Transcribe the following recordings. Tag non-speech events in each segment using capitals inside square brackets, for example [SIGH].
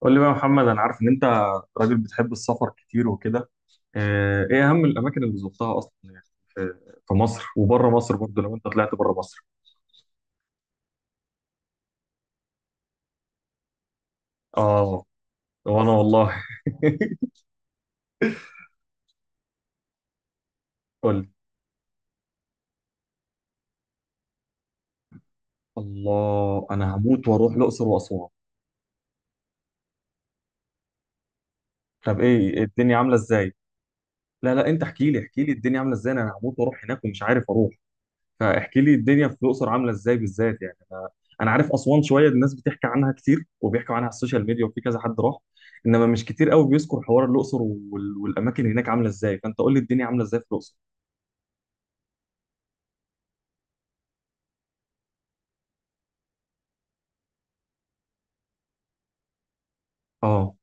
قول لي بقى يا محمد، انا عارف ان انت راجل بتحب السفر كتير وكده. ايه اهم الاماكن اللي زرتها اصلا يعني في في مصر وبره مصر برضه، لو انت طلعت بره مصر. اه وانا والله. [LAUGHS] قول لي. الله، انا هموت واروح الاقصر واسوان. طب إيه الدنيا عامله ازاي؟ لا لا، انت احكي لي احكي لي الدنيا عامله ازاي، انا هموت واروح هناك ومش عارف اروح. فاحكي لي الدنيا في الاقصر عامله ازاي بالذات، يعني انا عارف اسوان شويه، الناس بتحكي عنها كتير وبيحكوا عنها على السوشيال ميديا وفي كذا حد راح. انما مش كتير قوي بيذكر حوار الاقصر والاماكن هناك عامله ازاي. فانت قول لي الدنيا عامله ازاي في الاقصر. اه،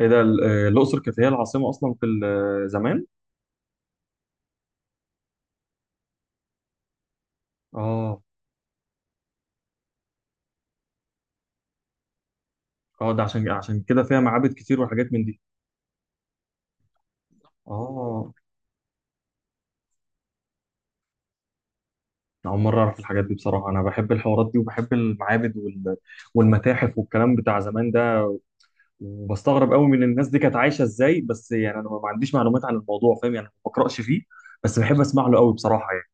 ايه ده الاقصر كانت هي العاصمه اصلا في زمان؟ اه. اه، ده عشان كده فيها معابد كتير وحاجات من دي. اه. أنا أول مرة أعرف الحاجات دي بصراحة، أنا بحب الحوارات دي وبحب المعابد والمتاحف والكلام بتاع زمان ده. وبستغرب قوي من الناس دي كانت عايشه ازاي، بس يعني انا ما عنديش معلومات عن الموضوع، فاهم؟ يعني ما بقراش فيه بس بحب اسمع له قوي بصراحه يعني.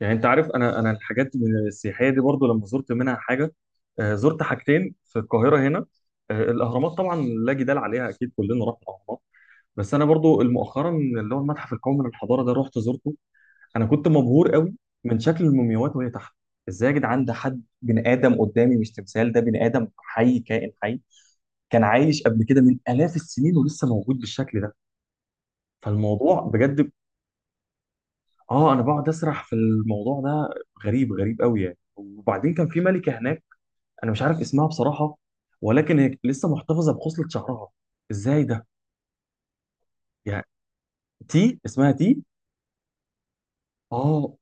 يعني انت عارف، انا الحاجات من السياحيه دي برضو لما زرت منها حاجه، زرت حاجتين في القاهره هنا. الاهرامات طبعا لا جدال عليها، اكيد كلنا رحنا الاهرامات. بس انا برضو مؤخرا اللي هو المتحف القومي للحضاره ده رحت زرته. انا كنت مبهور قوي من شكل المومياوات وهي تحت. ازاي يا جدعان؟ ده حد بني ادم قدامي، مش تمثال، ده بني ادم حي، كائن حي كان عايش قبل كده من آلاف السنين ولسه موجود بالشكل ده. فالموضوع بجد. اه، انا بقعد اسرح في الموضوع ده. غريب، غريب قوي يعني. وبعدين كان في ملكة هناك، انا مش عارف اسمها بصراحة، ولكن هي لسه محتفظة بخصلة شعرها. ازاي ده؟ يعني تي، اسمها تي. اه،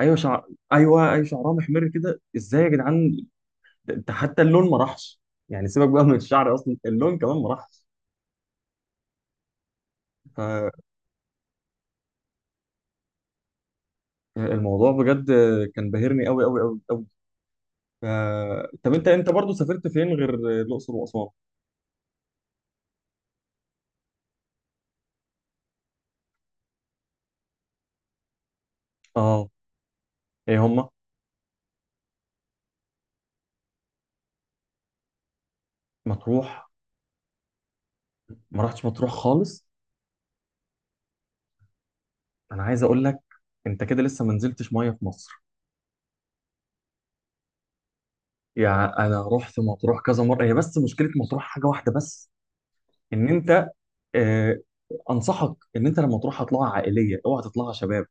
ايوه شعر، ايوه ايوه شعرها محمر كده. ازاي يا جدعان؟ ده ده حتى اللون ما راحش، يعني سيبك بقى من الشعر اصلا، اللون كمان ما راحش. فالموضوع بجد كان باهرني قوي قوي قوي قوي. طب انت برضه سافرت فين غير الاقصر واسوان؟ اه، ايه هما؟ مطروح. ما رحتش مطروح خالص؟ انا عايز اقول لك، انت كده لسه ما نزلتش ميه في مصر. يعني انا رحت مطروح كذا مره، هي بس مشكله مطروح حاجه واحده بس، ان انت آه انصحك ان انت لما تروح هتطلعها عائليه، اوعى تطلعها شباب.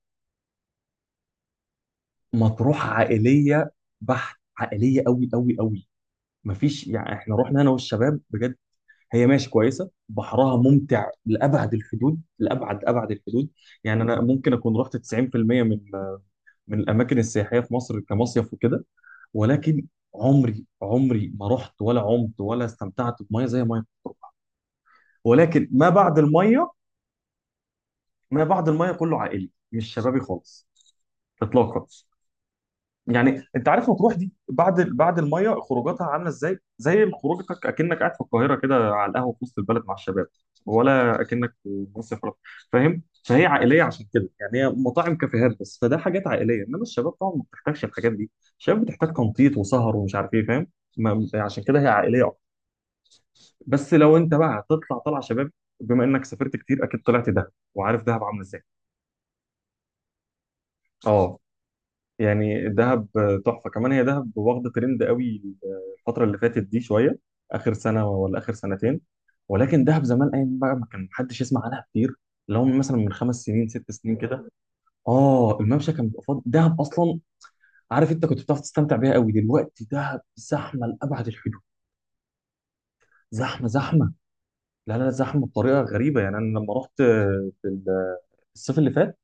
مطروح عائليه بحت، عائليه قوي قوي قوي. مفيش يعني، احنا رحنا انا والشباب بجد. هي ماشي كويسه، بحرها ممتع لابعد الحدود، لابعد ابعد الحدود. يعني انا ممكن اكون رحت 90% من الاماكن السياحيه في مصر كمصيف وكده، ولكن عمري عمري ما رحت ولا عمت ولا استمتعت بميه زي ميه مطروح. ولكن ما بعد الميه، ما بعد الميه كله عائلي، مش شبابي خالص، اطلاقا. يعني انت عارف مطروح دي بعد الميه خروجاتها عامله ازاي؟ زي خروجتك اكنك قاعد في القاهره كده على القهوه في وسط البلد مع الشباب، ولا اكنك في مصيف فاهم؟ فهي عائليه، عشان كده يعني، هي مطاعم كافيهات بس، فده حاجات عائليه. انما الشباب طبعا ما بتحتاجش الحاجات دي، الشباب بتحتاج تنطيط وسهر ومش عارف ايه، فاهم؟ عشان كده هي عائليه اكتر. بس لو انت بقى هتطلع طلعه شباب، بما انك سافرت كتير اكيد طلعت دهب، وعارف دهب عامله ازاي. اه، يعني دهب تحفه كمان، هي دهب واخده ترند قوي الفتره اللي فاتت دي شويه، اخر سنه ولا اخر سنتين. ولكن دهب زمان، ايام بقى ما كان محدش يسمع عنها كتير، لو مثلا من خمس سنين ست سنين كده. اه، الممشى كان بيبقى فاضي، دهب اصلا عارف انت كنت بتعرف تستمتع بيها قوي. دلوقتي دهب زحمه لابعد الحدود، زحمه زحمه. لا لا لا، زحمه بطريقه غريبه يعني. انا لما رحت في الصيف اللي فات،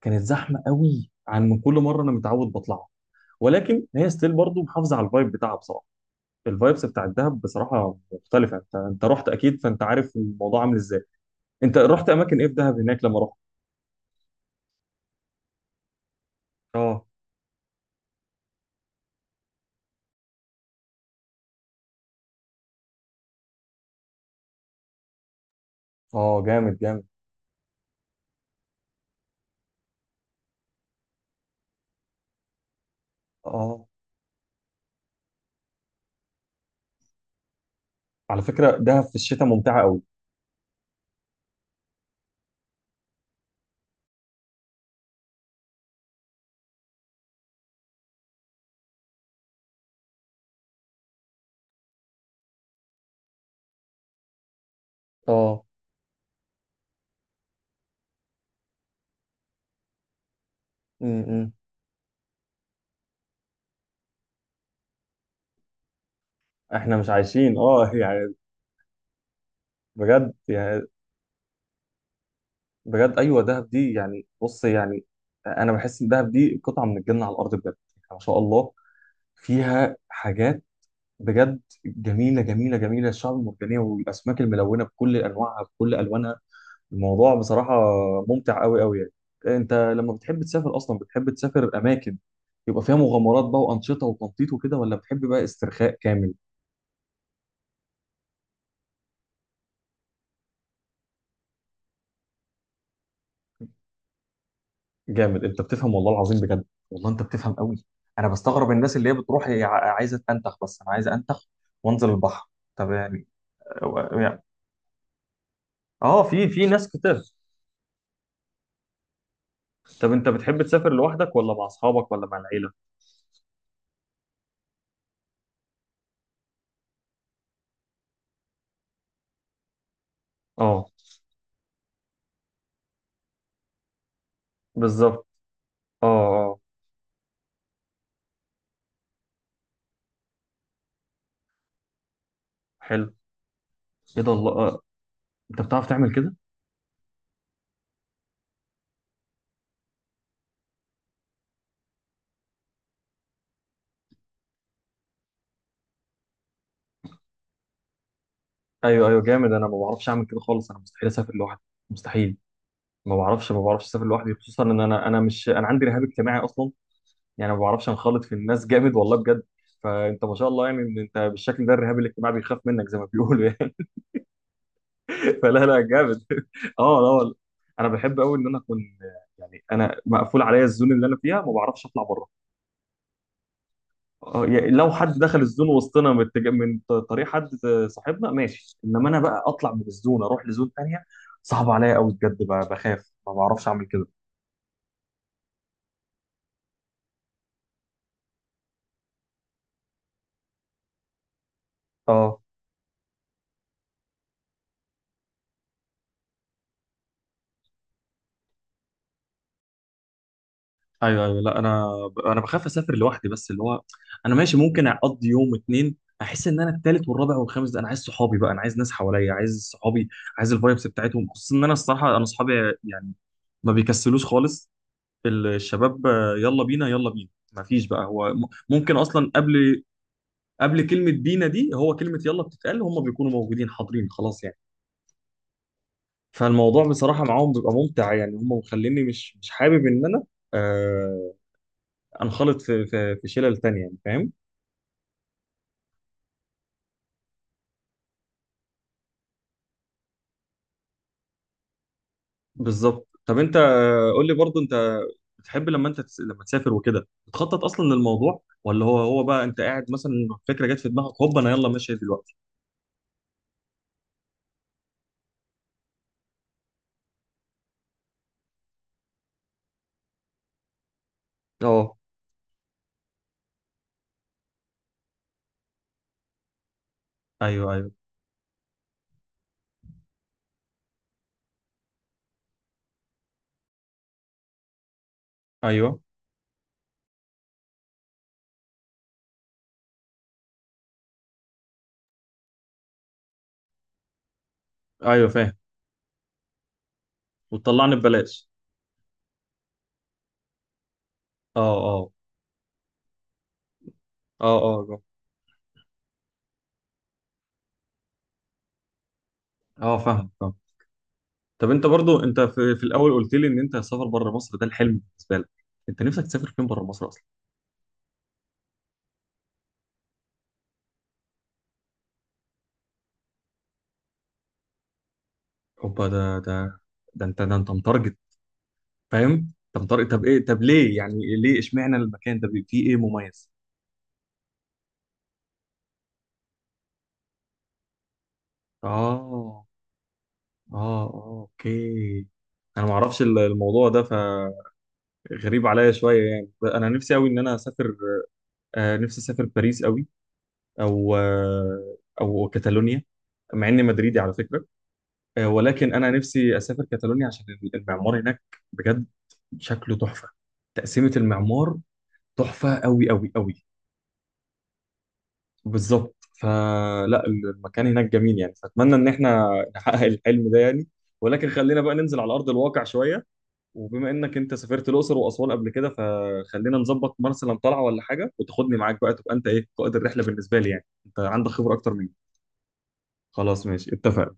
كانت زحمه قوي عن من كل مره انا متعود بطلعها، ولكن هي ستيل برضه محافظه على الفايب بتاعها بصراحه. الفايبس بتاع الدهب بصراحه مختلفه. انت رحت اكيد فانت عارف الموضوع عامل ازاي. انت رحت اماكن ايه في دهب هناك لما رحت؟ اه اه، جامد جامد. اه، على فكره دهب في الشتاء ممتعه قوي. اه. امم. احنا مش عايشين اه [LAUGHS] يعني. بجد يعني، بجد ايوه، دهب دي يعني بص يعني، انا بحس ان دهب دي قطعه من الجنه على الارض، بجد يعني ما شاء الله فيها حاجات بجد جميله جميله جميله، الشعب المرجانيه والاسماك الملونه بكل انواعها بكل الوانها. الموضوع بصراحة ممتع قوي قوي يعني. انت لما بتحب تسافر اصلا، بتحب تسافر اماكن يبقى فيها مغامرات بقى وانشطة وتنطيط وكده، ولا بتحب بقى استرخاء كامل؟ جامد، انت بتفهم والله العظيم، بجد والله انت بتفهم قوي. انا بستغرب الناس اللي هي بتروح هي عايزة تنتخ بس، انا عايزة انتخ وانزل البحر. طب يعني، يعني- اه، في ناس كتير. طب انت بتحب تسافر لوحدك ولا مع اصحابك ولا مع العيلة؟ اه، بالظبط. اه. اه، حلو. ايه ده، الله. انت بتعرف تعمل كده؟ ايوه ايوه جامد. انا ما بعرفش اعمل كده خالص، انا مستحيل اسافر لوحدي، مستحيل. ما بعرفش، ما بعرفش اسافر لوحدي، خصوصا ان انا مش انا عندي رهاب اجتماعي اصلا، يعني ما بعرفش انخلط في الناس، جامد والله بجد. فانت ما شاء الله، يعني إن انت بالشكل ده الرهاب الاجتماعي بيخاف منك زي ما بيقولوا يعني. [LAUGHS] فلا لا جامد. [LAUGHS] اه لا والله. انا بحب قوي ان انا اكون، يعني انا مقفول عليا الزون اللي انا فيها، ما بعرفش اطلع بره. اه، يعني لو حد دخل الزون وسطنا من طريق حد صاحبنا ماشي، انما انا بقى اطلع من الزون اروح لزون تانية، صعب عليا قوي بجد، بخاف ما بعرفش اعمل كده. اه، ايوه ايوه لا، انا بخاف اسافر لوحدي، بس اللي هو انا ماشي ممكن اقضي يوم اتنين، احس ان انا التالت والرابع والخامس ده انا عايز صحابي بقى، انا عايز ناس حواليا، عايز صحابي، عايز الفايبس بتاعتهم. خصوصا ان انا الصراحه انا صحابي يعني ما بيكسلوش خالص، الشباب يلا بينا يلا بينا، ما فيش بقى، هو ممكن اصلا قبل، قبل كلمة بينا دي هو كلمة يلا بتتقال هم بيكونوا موجودين حاضرين خلاص يعني. فالموضوع بصراحة معاهم بيبقى ممتع يعني، هم مخليني مش حابب إن أنا آه أنخلط في في شلل تانية، يعني فاهم. بالظبط. طب أنت قول لي برضو، أنت بتحب لما أنت لما تسافر وكده بتخطط أصلا للموضوع، ولا هو بقى أنت قاعد مثلا فكرة جت في دماغك هوب أنا يلا ماشي دلوقتي؟ اه. أيوه أيوه أيوه أيوه فاهم. وتطلعني ببلاش. اه اه اه اه اه فاهم فاهم. طب انت برضو انت في, في الاول قلت لي ان انت سفر بره مصر ده الحلم بالنسبه لك، انت نفسك تسافر فين بره مصر اصلا؟ اوبا، ده انت متارجت، فاهم؟ انت متارجت. طب ايه، طب ليه يعني، ليه اشمعنى المكان ده فيه ايه مميز؟ اه، اه، اه، اوكي. انا ما اعرفش الموضوع ده فغريب عليا شويه، يعني انا نفسي قوي ان انا اسافر، نفسي اسافر باريس قوي، او او كاتالونيا. مع اني مدريدي على فكره، ولكن انا نفسي اسافر كاتالونيا عشان المعمار هناك، بجد شكله تحفه، تقسيمه المعمار تحفه قوي قوي قوي. بالظبط. فلا، المكان هناك جميل يعني، فاتمنى ان احنا نحقق الحلم ده يعني. ولكن خلينا بقى ننزل على ارض الواقع شويه، وبما انك انت سافرت الاقصر واسوان قبل كده، فخلينا نظبط مثلا طلعه ولا حاجه وتاخدني معاك، بقى تبقى انت ايه، قائد الرحله بالنسبه لي، يعني انت عندك خبره اكتر مني. خلاص ماشي، اتفق.